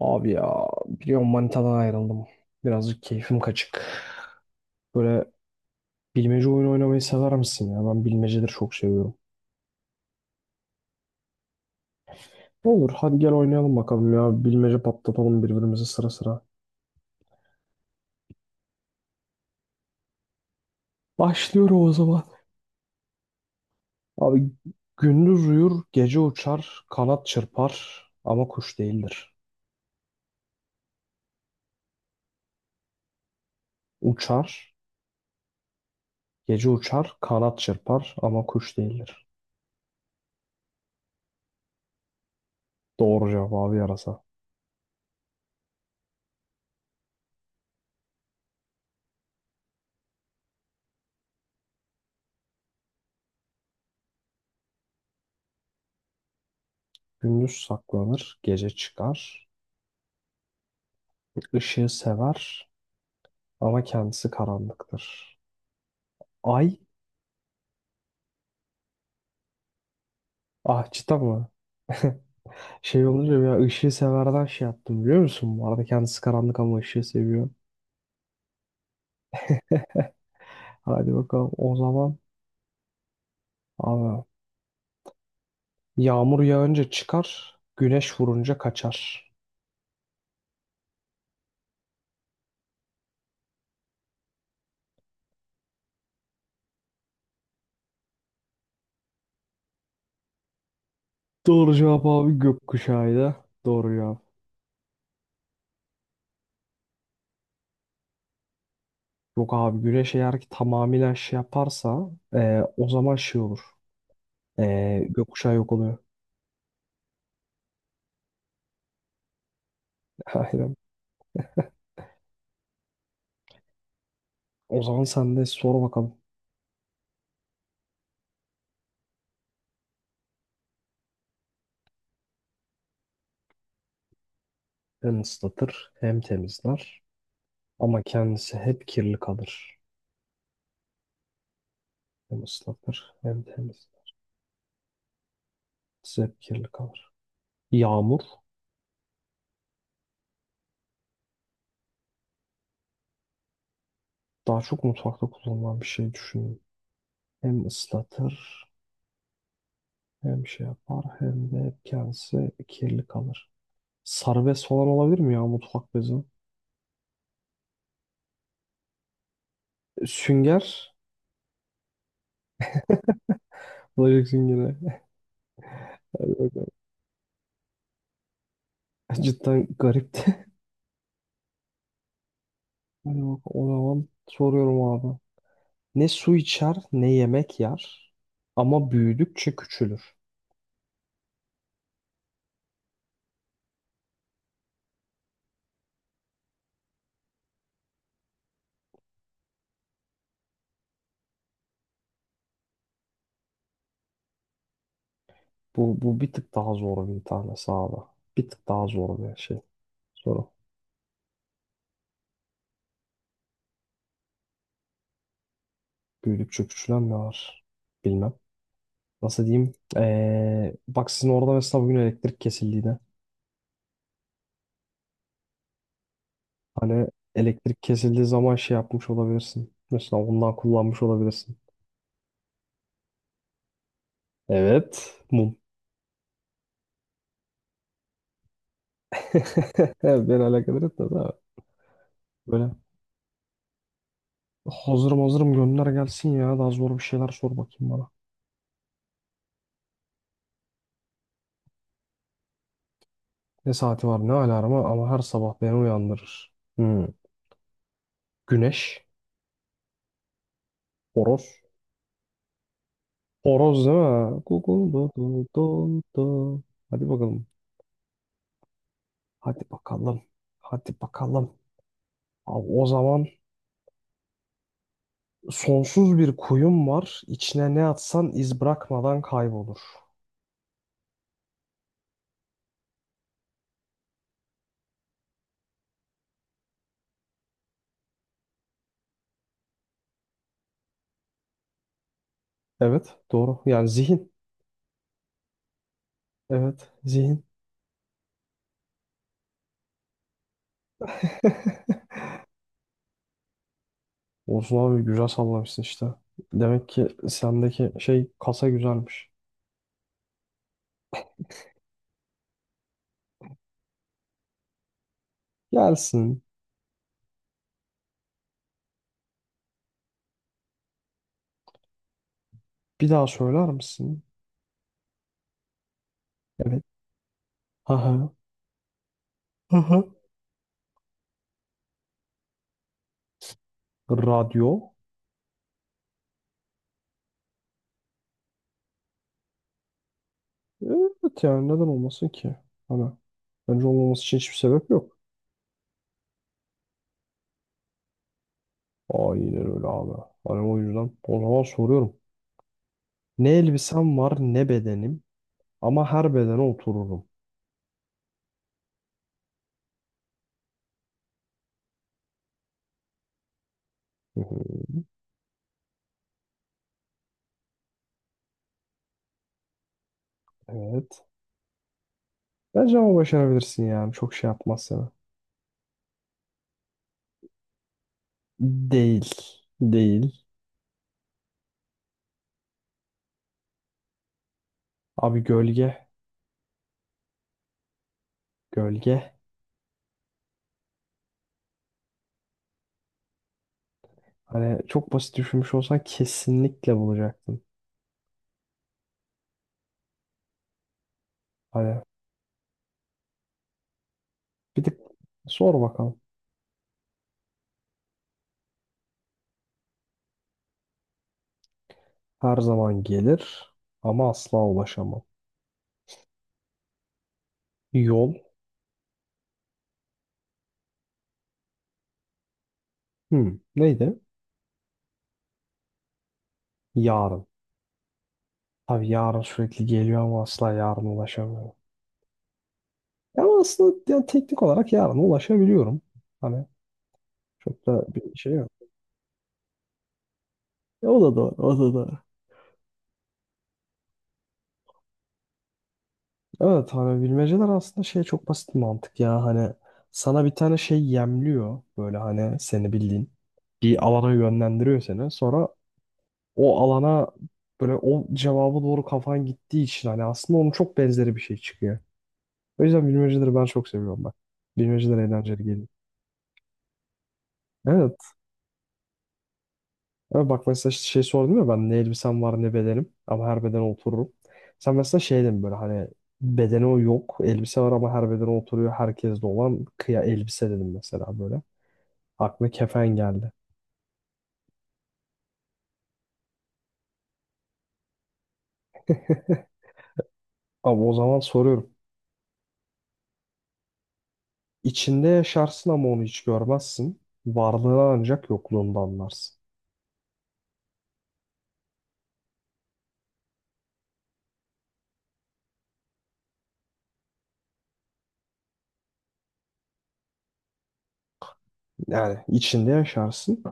Abi ya biliyorum manitadan ayrıldım. Birazcık keyfim kaçık. Böyle bilmece oyunu oynamayı sever misin ya? Ben bilmeceleri çok seviyorum. Olur hadi gel oynayalım bakalım ya. Bilmece patlatalım birbirimize sıra sıra. Başlıyorum o zaman. Abi gündüz uyur, gece uçar, kanat çırpar ama kuş değildir. Uçar, gece uçar, kanat çırpar ama kuş değildir. Doğru cevap abi yarasa. Gündüz saklanır, gece çıkar, ışığı sever, ama kendisi karanlıktır. Ay ahçıda mı? Şey olunca ya ışığı severden şey yaptım biliyor musun? Bu arada kendisi karanlık ama ışığı seviyor. Hadi bakalım o zaman. Abi, yağmur yağınca çıkar, güneş vurunca kaçar. Doğru cevap abi gökkuşağıydı. Doğru cevap. Yok abi güneş eğer ki tamamıyla şey yaparsa o zaman şey olur. E, gökkuşağı yok oluyor. Aynen. O zaman sen de sor bakalım. Hem ıslatır hem temizler. Ama kendisi hep kirli kalır. Hem ıslatır hem temiz. Kendisi hep kirli kalır. Yağmur daha çok mutfakta kullanılan bir şey düşünün. Hem ıslatır hem şey yapar hem de hep kendisi kirli kalır. Sarı bez falan olabilir mi ya mutfak bezi? Sünger. Bulaşık süngeri. Cidden garipti. Hadi bak o zaman soruyorum abi. Ne su içer ne yemek yer ama büyüdükçe küçülür. Bu bir tık daha zor bir tane sağda. Bir tık daha zor bir şey. Soru. Büyüdükçe küçülen ne var? Bilmem. Nasıl diyeyim? Bak sizin orada mesela bugün elektrik kesildiğinde. Hani elektrik kesildiği zaman şey yapmış olabilirsin. Mesela ondan kullanmış olabilirsin. Evet. Mum. Beni alakadar etmez abi. Böyle hazırım hazırım gönder gelsin ya. Daha zor bir şeyler sor bakayım bana. Ne saati var ne alarmı ama her sabah beni uyandırır. Hmm. Güneş. Horoz. Horoz değil mi? Google do do do do. Hadi bakalım. Hadi bakalım. Hadi bakalım. Abi o zaman sonsuz bir kuyum var. İçine ne atsan iz bırakmadan kaybolur. Evet, doğru. Yani zihin. Evet, zihin. Olsun abi güzel sallamışsın işte. Demek ki sendeki şey kasa güzelmiş. Gelsin. Bir daha söyler misin? Evet. Hı hı. Hı hı. Radyo. Evet yani neden olmasın ki? Hani bence olmaması için hiçbir sebep yok. Aynen öyle abi. Hani o yüzden o zaman soruyorum. Ne elbisem var ne bedenim ama her bedene otururum. Hı hı. Evet. Bence ama başarabilirsin yani. Çok şey yapmaz sana. Değil. Değil. Abi gölge. Gölge. Hani çok basit düşünmüş olsan kesinlikle bulacaktın. Hani bir tık sor bakalım. Her zaman gelir ama asla ulaşamam. Yol. Hmm. Neydi? Yarın. Tabii yarın sürekli geliyor ama asla yarın ulaşamıyorum. Ama aslında yani teknik olarak yarın ulaşabiliyorum. Hani çok da bir şey yok. E, o da doğru, o da doğru. Evet hani bilmeceler aslında şey çok basit bir mantık ya. Hani sana bir tane şey yemliyor. Böyle hani seni bildiğin. Bir alana yönlendiriyor seni. Sonra o alana böyle o cevaba doğru kafan gittiği için hani aslında onun çok benzeri bir şey çıkıyor. O yüzden bilmeceleri ben çok seviyorum bak. Bilmeceler eğlenceli geliyor. Evet. Ama bak mesela işte şey sordum ya ben ne elbisem var ne bedenim ama her bedene otururum. Sen mesela şey dedin böyle hani bedeni o yok elbise var ama her bedene oturuyor herkeste olan kıya elbise dedim mesela böyle. Aklıma kefen geldi. Ama o zaman soruyorum. İçinde yaşarsın ama onu hiç görmezsin. Varlığını ancak yokluğunda anlarsın. Yani içinde yaşarsın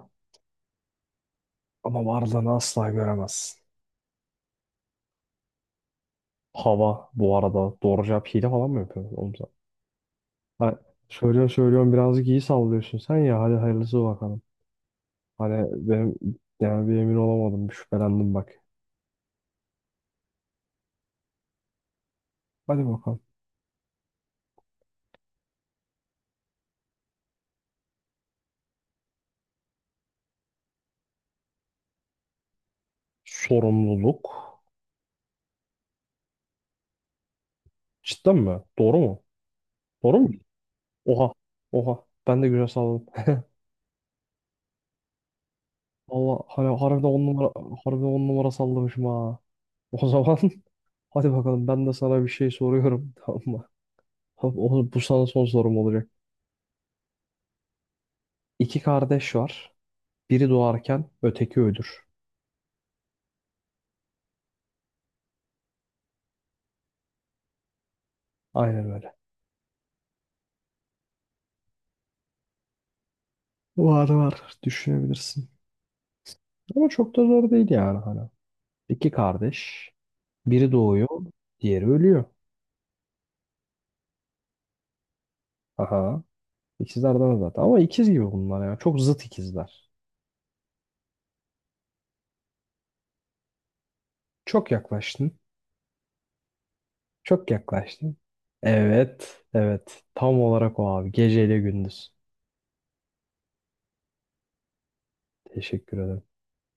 ama varlığını asla göremezsin. Hava bu arada doğru cevap hile falan mı yapıyorsun? Oğlum. Ha, söylüyorum söylüyorum birazcık iyi sallıyorsun sen ya hadi hayırlısı bakalım. Hani benim yani bir emin olamadım bir şüphelendim bak. Hadi bakalım. Sorumluluk. Cidden mi? Doğru mu? Doğru mu? Oha. Oha. Ben de güzel salladım. Allah hani harbiden on numara sallamışım ha. O zaman hadi bakalım ben de sana bir şey soruyorum, tamam mı? Tamam, bu sana son sorum olacak. İki kardeş var. Biri doğarken öteki ölür. Aynen öyle. Var var düşünebilirsin. Ama çok da zor değil yani hala. İki kardeş. Biri doğuyor, diğeri ölüyor. Aha. İkizler de var zaten. Ama ikiz gibi bunlar ya. Çok zıt ikizler. Çok yaklaştın. Çok yaklaştın. Evet. Evet. Tam olarak o abi. Geceyle gündüz. Teşekkür ederim.